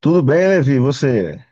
Tudo bem, Levi? E você?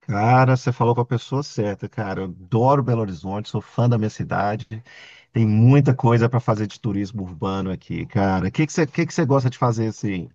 Cara, você falou com a pessoa certa, cara. Eu adoro Belo Horizonte, sou fã da minha cidade. Tem muita coisa para fazer de turismo urbano aqui, cara. O que que você gosta de fazer assim?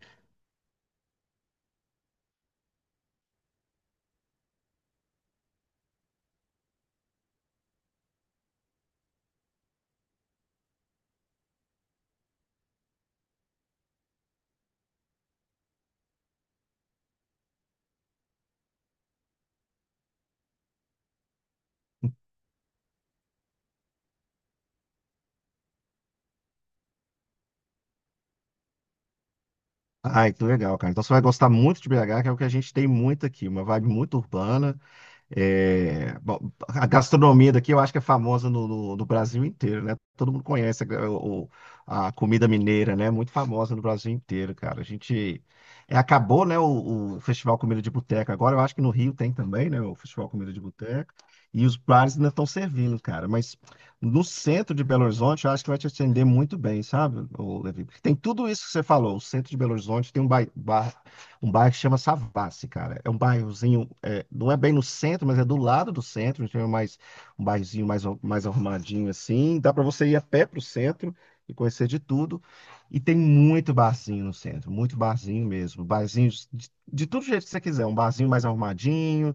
Ai, que legal, cara. Então você vai gostar muito de BH, que é o que a gente tem muito aqui, uma vibe muito urbana. É, bom, a gastronomia daqui eu acho que é famosa no, no Brasil inteiro, né? Todo mundo conhece a comida mineira, né? Muito famosa no Brasil inteiro, cara. A gente acabou, né, o Festival Comida de Boteca. Agora eu acho que no Rio tem também, né, o Festival Comida de Boteca. E os bares ainda estão servindo, cara. Mas no centro de Belo Horizonte eu acho que vai te atender muito bem, sabe, ô, Levi? Porque tem tudo isso que você falou. O centro de Belo Horizonte tem um bairro que chama Savassi, cara. É um bairrozinho, não é bem no centro, mas é do lado do centro. Então é mais um bairrozinho mais arrumadinho assim. Dá para você ir a pé pro centro e conhecer de tudo. E tem muito barzinho no centro, muito barzinho mesmo. Barzinho de todo jeito que você quiser. Um barzinho mais arrumadinho.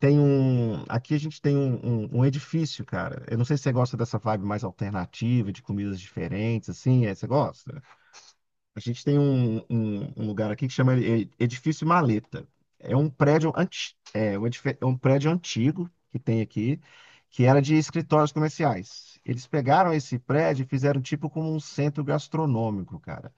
Tem um. Aqui a gente tem um edifício, cara. Eu não sei se você gosta dessa vibe mais alternativa, de comidas diferentes, assim. É, você gosta? A gente tem um lugar aqui que chama Edifício Maleta. É um prédio anti, é, um edif- é um prédio antigo que tem aqui, que era de escritórios comerciais. Eles pegaram esse prédio e fizeram tipo como um centro gastronômico, cara.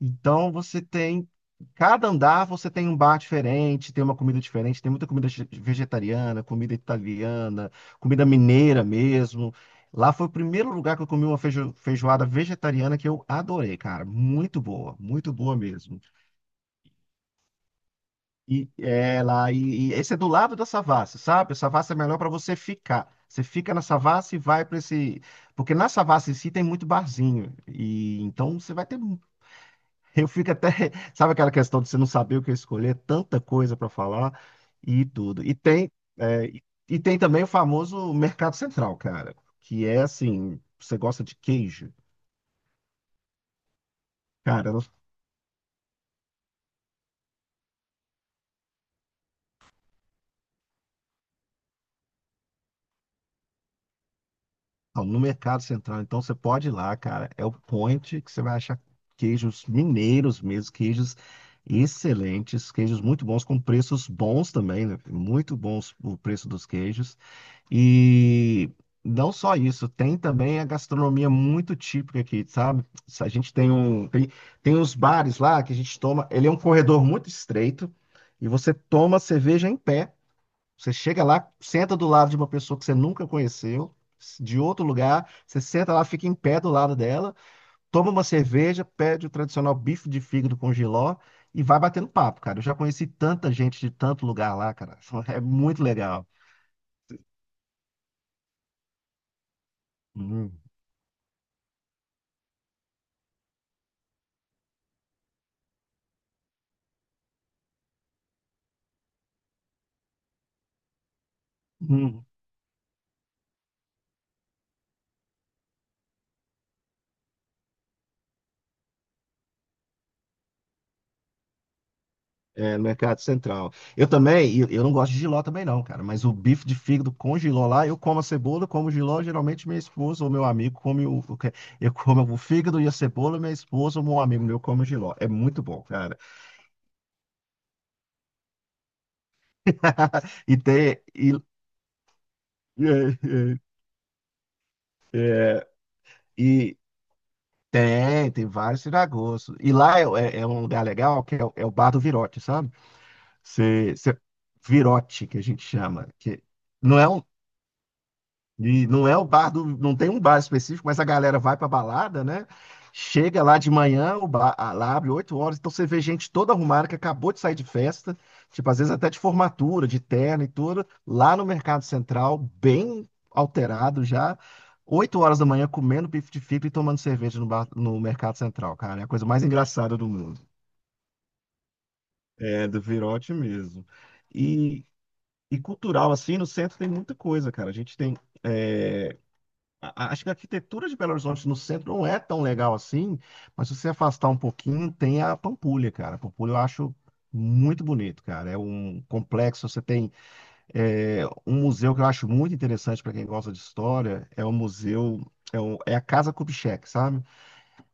Então você tem, cada andar você tem um bar diferente, tem uma comida diferente, tem muita comida vegetariana, comida italiana, comida mineira mesmo. Lá foi o primeiro lugar que eu comi uma feijoada vegetariana que eu adorei, cara. Muito boa mesmo. E é lá, e esse é do lado da Savassi, sabe? A Savassi é melhor para você ficar. Você fica na Savassi e vai para esse, porque na Savassi em si tem muito barzinho e então você vai ter. Eu fico até, sabe, aquela questão de você não saber o que escolher, tanta coisa para falar e tudo. É, e e tem também o famoso Mercado Central, cara, que é assim, você gosta de queijo, cara? No no Mercado Central, então, você pode ir lá, cara, é o point que você vai achar queijos mineiros mesmo, queijos excelentes, queijos muito bons, com preços bons também, né? Muito bons o preço dos queijos. E não só isso, tem também a gastronomia muito típica aqui, sabe? A gente tem uns bares lá que a gente toma, ele é um corredor muito estreito e você toma cerveja em pé. Você chega lá, senta do lado de uma pessoa que você nunca conheceu, de outro lugar, você senta lá, fica em pé do lado dela, toma uma cerveja, pede o tradicional bife de fígado com jiló e vai batendo papo, cara. Eu já conheci tanta gente de tanto lugar lá, cara. É muito legal. Hum. É, no Mercado Central. Eu também, eu não gosto de jiló também não, cara, mas o bife de fígado com jiló lá, eu como a cebola, como o jiló, geralmente minha esposa ou meu amigo come, eu como o fígado e a cebola, minha esposa ou meu amigo meu come o jiló. É muito bom, cara. E tem, e, é, é, é, e tem vários tiragostos. E lá é, é um lugar legal, que é o Bar do Virote, sabe? Você, você, Virote, que a gente chama, que não é um. E não é o bar do, não tem um bar específico, mas a galera vai pra balada, né? Chega lá de manhã, o bar, lá abre 8 horas, então você vê gente toda arrumada que acabou de sair de festa, tipo, às vezes até de formatura, de terno e tudo, lá no Mercado Central, bem alterado já, 8 horas da manhã comendo bife de fígado e tomando cerveja no Mercado Central, cara, é a coisa mais engraçada do mundo. É, do Virote mesmo. E, e cultural, assim, no centro tem muita coisa, cara. A gente tem. é, Acho que a arquitetura de Belo Horizonte no centro não é tão legal assim, mas se você afastar um pouquinho, tem a Pampulha, cara. A Pampulha eu acho muito bonito, cara. É um complexo, você tem, um museu que eu acho muito interessante para quem gosta de história, é o museu, é, o- é a Casa Kubitschek, sabe?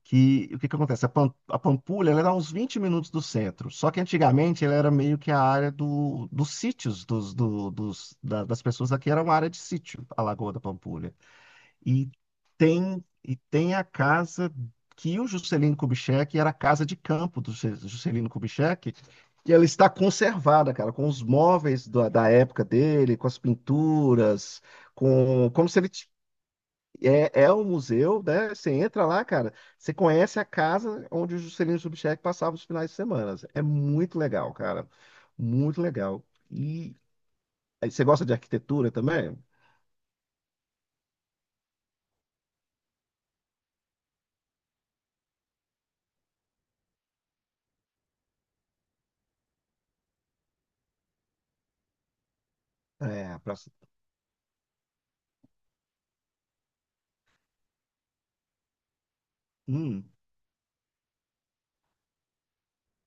Que o que que acontece? A Pampulha, ela dá uns 20 minutos do centro, só que antigamente ela era meio que a área dos sítios, dos, do- dos- da- das pessoas aqui, era uma área de sítio, a Lagoa da Pampulha. E e tem a casa que o Juscelino Kubitschek, era a casa de campo do Juscelino Kubitschek, e ela está conservada, cara, com os móveis da época dele, com as pinturas, com como se ele t- é um museu, né? Você entra lá, cara, você conhece a casa onde o Juscelino Kubitschek passava os finais de semana. É muito legal, cara, muito legal. E aí, você gosta de arquitetura também? É, a praça. Hum.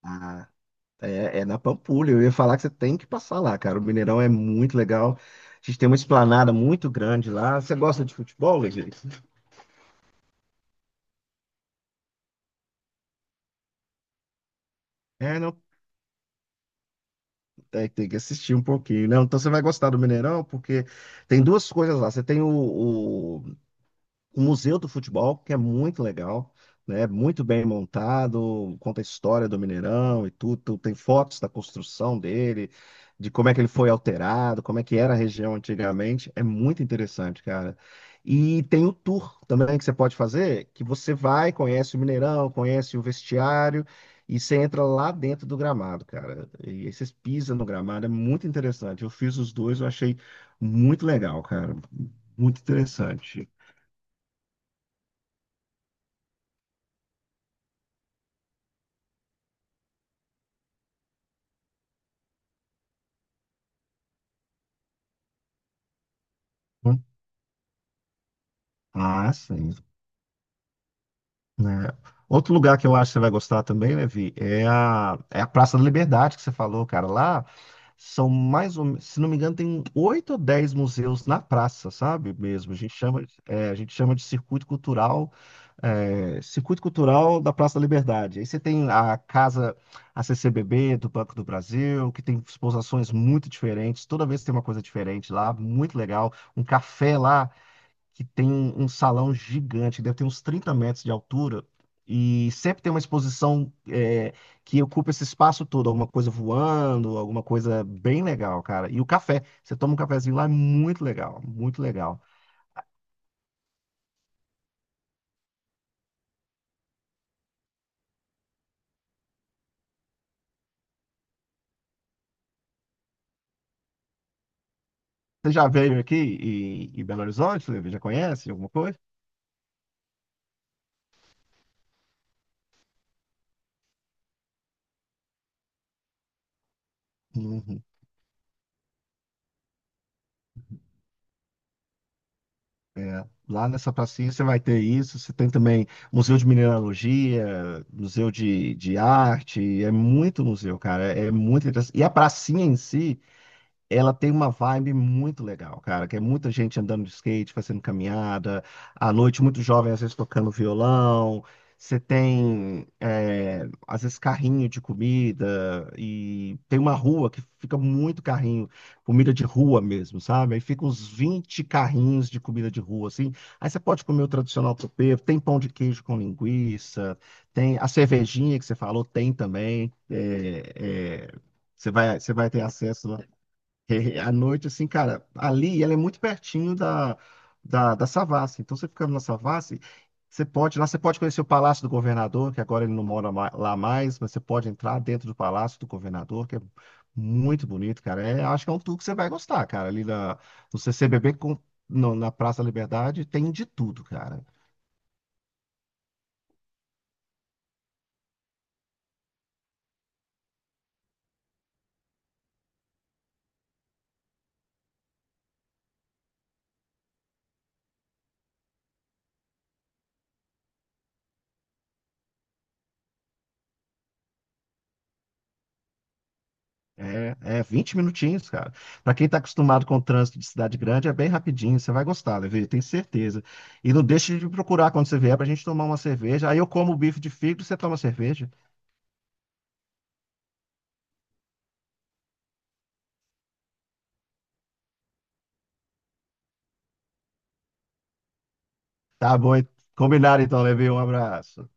ah, é na Pampulha, eu ia falar que você tem que passar lá, cara. O Mineirão é muito legal. A gente tem uma esplanada muito grande lá. Você gosta de futebol, Levi? É, não, tem que assistir um pouquinho, né? Então você vai gostar do Mineirão, porque tem duas coisas lá. Você tem o Museu do Futebol, que é muito legal, né? Muito bem montado, conta a história do Mineirão e tudo, tem fotos da construção dele, de como é que ele foi alterado, como é que era a região antigamente, é muito interessante, cara. E tem o tour também que você pode fazer, que você vai, conhece o Mineirão, conhece o vestiário e você entra lá dentro do gramado, cara. E aí vocês pisam no gramado, é muito interessante. Eu fiz os dois, eu achei muito legal, cara. Muito interessante. Ah, sim, né? Outro lugar que eu acho que você vai gostar também, Levi, é a, é a Praça da Liberdade que você falou, cara. Lá são mais ou menos, se não me engano, tem 8 ou 10 museus na praça, sabe? Mesmo. A gente chama de circuito cultural, circuito cultural da Praça da Liberdade. Aí você tem a casa, a CCBB do Banco do Brasil, que tem exposições muito diferentes. Toda vez tem uma coisa diferente lá, muito legal. Um café lá que tem um salão gigante, deve ter uns 30 metros de altura, e sempre tem uma exposição, que ocupa esse espaço todo, alguma coisa voando, alguma coisa bem legal, cara. E o café, você toma um cafezinho lá, é muito legal, muito legal. Você já veio aqui em Belo Horizonte, Levi? Já conhece alguma coisa? Uhum. Lá nessa pracinha você vai ter isso. Você tem também museu de mineralogia, museu de arte. É muito museu, cara. É muito interessante. E a pracinha em si, ela tem uma vibe muito legal, cara, que é muita gente andando de skate, fazendo caminhada, à noite muito jovem, às vezes tocando violão. Você tem, às vezes, carrinho de comida, e tem uma rua que fica muito carrinho, comida de rua mesmo, sabe? Aí fica uns 20 carrinhos de comida de rua, assim. Aí você pode comer o tradicional tropeiro, tem pão de queijo com linguiça, tem a cervejinha que você falou, tem também. É, é, você vai, ter acesso. À noite, assim, cara, ali ela é muito pertinho da Savassi. Então, você ficando na Savassi, você pode, lá você pode conhecer o Palácio do Governador, que agora ele não mora lá mais, mas você pode entrar dentro do Palácio do Governador, que é muito bonito, cara. É, acho que é um tour que você vai gostar, cara. Ali no CCBB, com, no- na Praça da Liberdade, tem de tudo, cara. É, é 20 minutinhos, cara. Pra quem tá acostumado com o trânsito de cidade grande, é bem rapidinho. Você vai gostar, Levi, tenho certeza. E não deixe de me procurar quando você vier pra gente tomar uma cerveja. Aí eu como o bife de fígado e você toma cerveja. Tá bom, hein? Combinado então, Levi. Um abraço.